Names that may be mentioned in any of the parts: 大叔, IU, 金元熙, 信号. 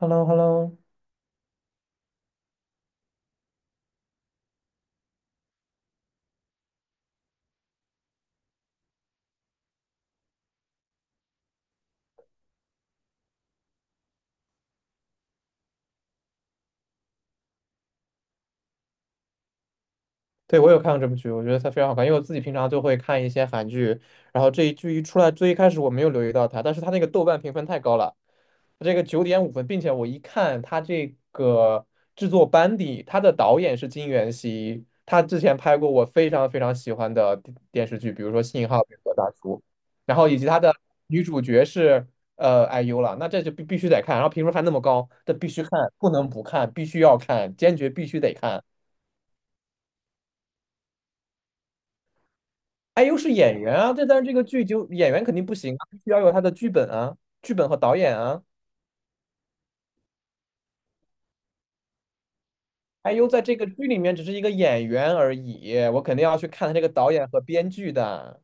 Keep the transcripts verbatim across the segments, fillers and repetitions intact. Hello,Hello,对，我有看过这部剧，我觉得它非常好看，因为我自己平常就会看一些韩剧，然后这一剧一出来，最一开始我没有留意到它，但是它那个豆瓣评分太高了，它这个九点五分，并且我一看它这个制作班底，它的导演是金元熙，他之前拍过我非常非常喜欢的电电视剧，比如说《信号》比如说大叔》，然后以及他的女主角是呃 I U 了，那这就必必须得看，然后评分还那么高，这必须看，不能不看，必须要看，坚决必须得看。哎，又是演员啊，这但是这个剧就演员肯定不行啊，必须要有他的剧本啊，剧本和导演啊。哎呦，在这个剧里面只是一个演员而已，我肯定要去看他这个导演和编剧的，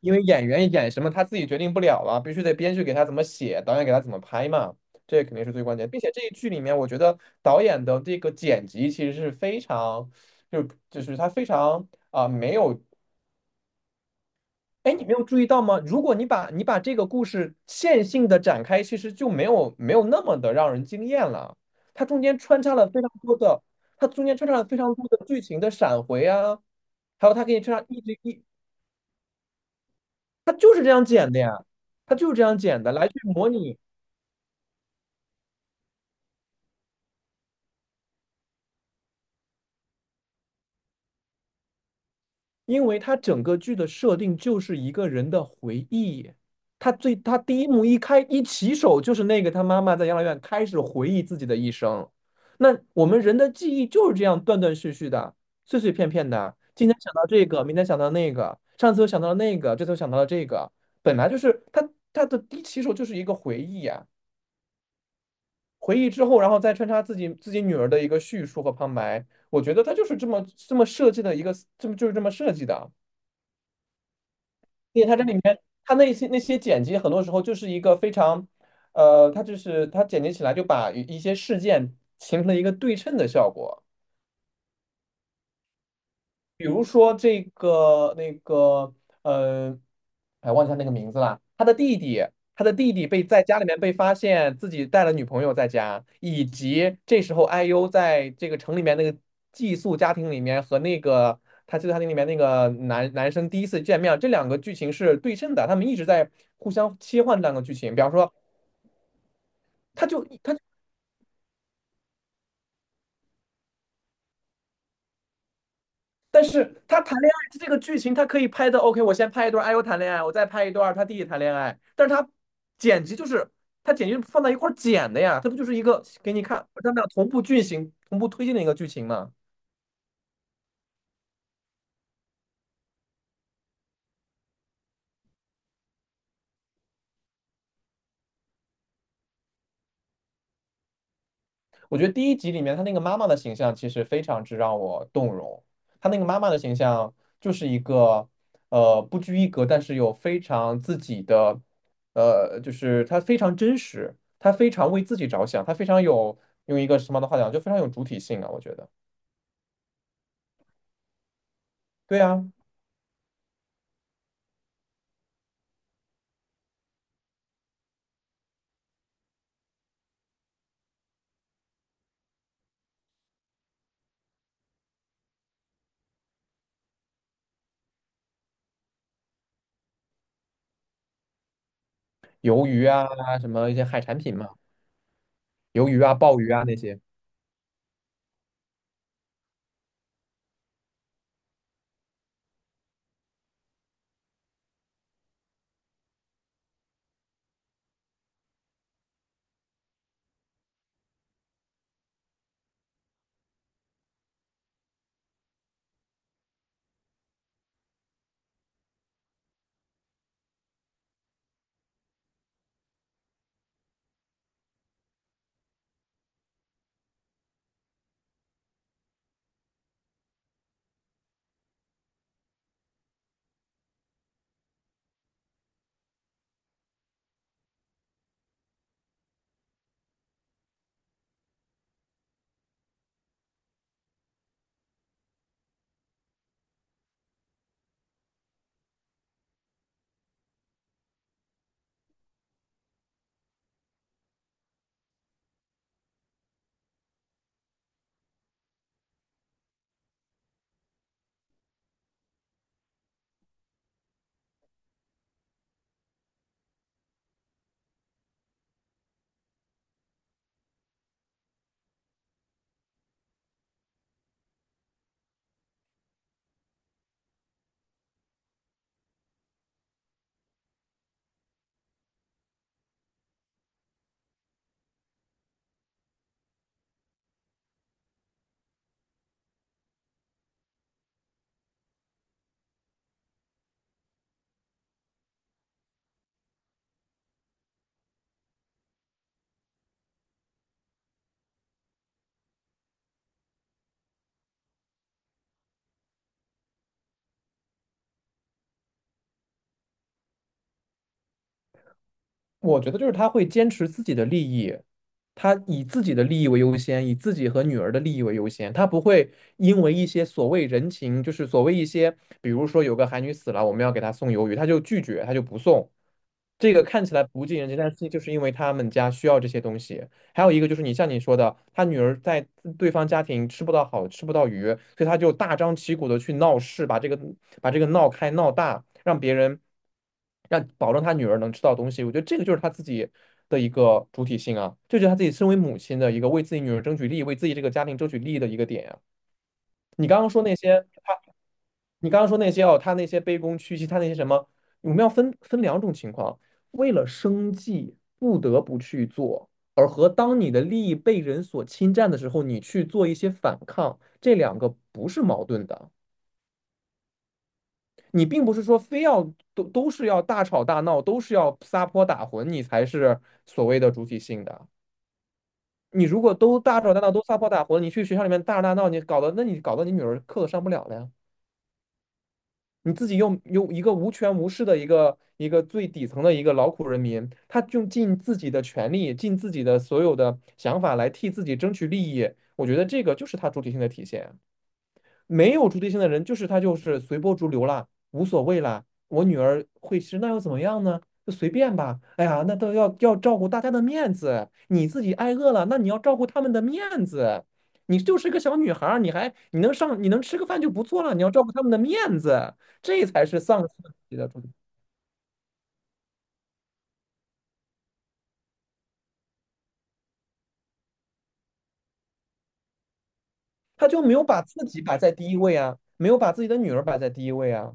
因为演员演什么他自己决定不了啊，必须得编剧给他怎么写，导演给他怎么拍嘛，这肯定是最关键。并且这一剧里面，我觉得导演的这个剪辑其实是非常，就就是他非常啊、没有哎，你没有注意到吗？如果你把你把这个故事线性的展开，其实就没有没有那么的让人惊艳了。它中间穿插了非常多的，它中间穿插了非常多的剧情的闪回啊，还有它给你穿插一直一，它就是这样剪的呀，它就是这样剪的，来去模拟因为它整个剧的设定就是一个人的回忆，他最他第一幕一开一起手就是那个他妈妈在养老院开始回忆自己的一生。那我们人的记忆就是这样断断续续的、碎碎片片的，今天想到这个，明天想到那个，上次又想到了那个，这次又想到了这个，本来就是他他的第一起手就是一个回忆啊，回忆之后，然后再穿插自己自己女儿的一个叙述和旁白，我觉得他就是这么这么设计的一个，这么就是这么设计的。并且它这里面，它那些那些剪辑，很多时候就是一个非常，呃，它就是它剪辑起来就把一一些事件形成了一个对称的效果。比如说这个那个，呃，哎，忘记他那个名字了。他的弟弟，他的弟弟被在家里面被发现自己带了女朋友在家，以及这时候 I U 在这个城里面那个寄宿家庭里面和那个他寄宿家庭里面那个男男生第一次见面，这两个剧情是对称的，他们一直在互相切换这两个剧情。比方说，他就他但是他谈恋爱这个剧情，他可以拍的 OK。我先拍一段哎呦谈恋爱，我再拍一段他弟弟谈恋爱。但是他剪辑就是他剪辑放在一块儿剪的呀，他不就是一个给你看，他们俩同步剧情、同步推进的一个剧情吗？我觉得第一集里面她那个妈妈的形象其实非常之让我动容，她那个妈妈的形象就是一个呃不拘一格，但是有非常自己的，呃，就是她非常真实，她非常为自己着想，她非常有用一个时髦的话讲，就非常有主体性啊，我觉得。对啊，鱿鱼啊，什么一些海产品嘛，鱿鱼啊、鲍鱼啊那些。我觉得就是他会坚持自己的利益，他以自己的利益为优先，以自己和女儿的利益为优先，他不会因为一些所谓人情，就是所谓一些，比如说有个韩女死了，我们要给她送鱿鱼，他就拒绝，他就不送。这个看起来不近人情，但是就是因为他们家需要这些东西，还有一个就是你像你说的，他女儿在对方家庭吃不到好，吃不到鱼，所以他就大张旗鼓的去闹事，把这个把这个闹开闹大，让别人让保证他女儿能吃到东西。我觉得这个就是他自己的一个主体性啊，这就是他自己身为母亲的一个为自己女儿争取利益，为自己这个家庭争取利益的一个点啊。你刚刚说那些。你刚刚说那些哦，他那些卑躬屈膝，他那些什么，我们要分分两种情况，为了生计不得不去做，而和当你的利益被人所侵占的时候，你去做一些反抗，这两个不是矛盾的。你并不是说非要都都是要大吵大闹，都是要撒泼打浑，你才是所谓的主体性的。你如果都大吵大闹，都撒泼打浑，你去学校里面大吵大闹，你搞得那你搞得你女儿课都上不了了呀。你自己又用一个无权无势的一个一个最底层的一个劳苦人民，他用尽自己的权利，尽自己的所有的想法来替自己争取利益，我觉得这个就是他主体性的体现啊。没有主体性的人，就是他就是随波逐流啦，无所谓啦。我女儿会吃，那又怎么样呢？就随便吧。哎呀，那都要要照顾大家的面子，你自己挨饿了，那你要照顾他们的面子。你就是个小女孩儿，你还你能上你能吃个饭就不错了，你要照顾他们的面子，这才是丧失了自己的主体。他就没有把自己摆在第一位啊，没有把自己的女儿摆在第一位啊。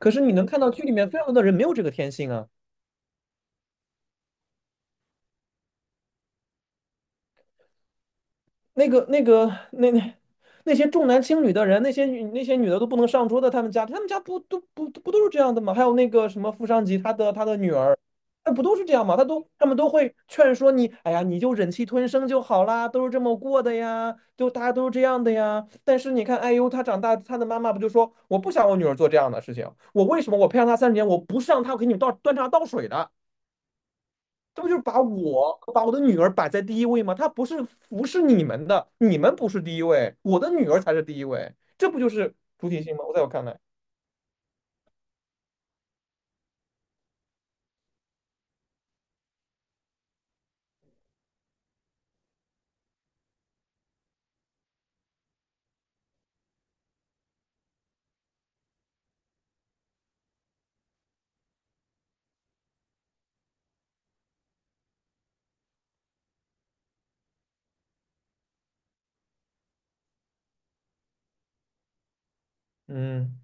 可是你能看到剧里面非常多的人没有这个天性啊。那个、那个、那那那些重男轻女的人，那些女那些女的都不能上桌的，他们家他们家不都不不都是这样的吗？还有那个什么富商级，他的他的女儿，那不都是这样吗？他都他们都会劝说你，哎呀，你就忍气吞声就好啦，都是这么过的呀，就大家都是这样的呀。但是你看，哎呦，他长大，他的妈妈不就说，我不想我女儿做这样的事情，我为什么我培养她三十年，我不是让她给你们倒端茶倒水的。这不就是把我把我的女儿摆在第一位吗？她不是服侍你们的，你们不是第一位，我的女儿才是第一位，这不就是主体性吗？我在我看来，嗯，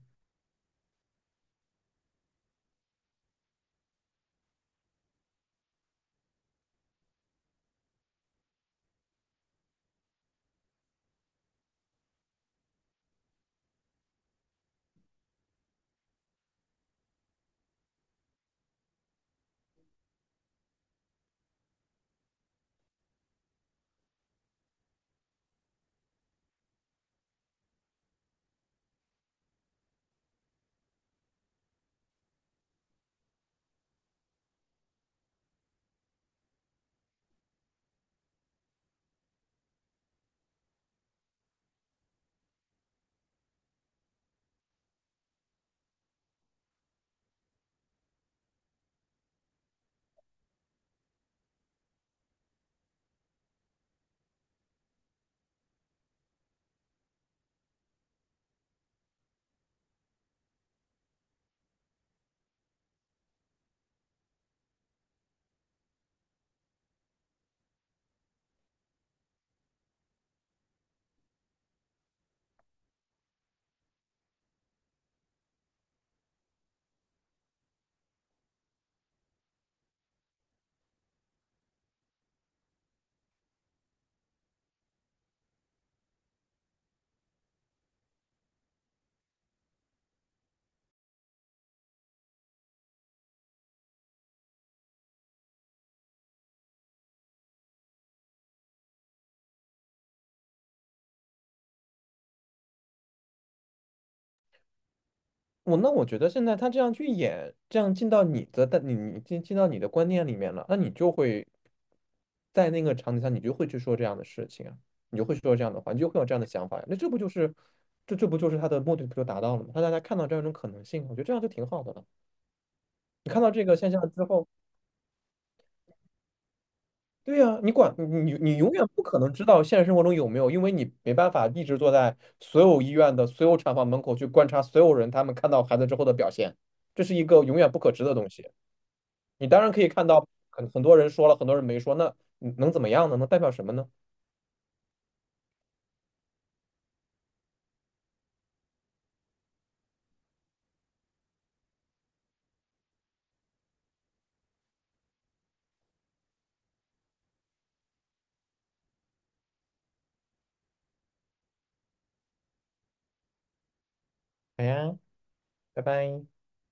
我那我觉得现在他这样去演，这样进到你的，但你你进进到你的观念里面了，那你就会在那个场景下，你就会去说这样的事情啊，你就会说这样的话，你就会有这样的想法呀。那这不就是这这不就是他的目的不就达到了吗？让大家看到这样一种可能性，我觉得这样就挺好的了。你看到这个现象之后。对呀，你管你你永远不可能知道现实生活中有没有，因为你没办法一直坐在所有医院的所有产房门口去观察所有人他们看到孩子之后的表现，这是一个永远不可知的东西。你当然可以看到很很多人说了，很多人没说，那能怎么样呢？能代表什么呢？好呀，拜拜。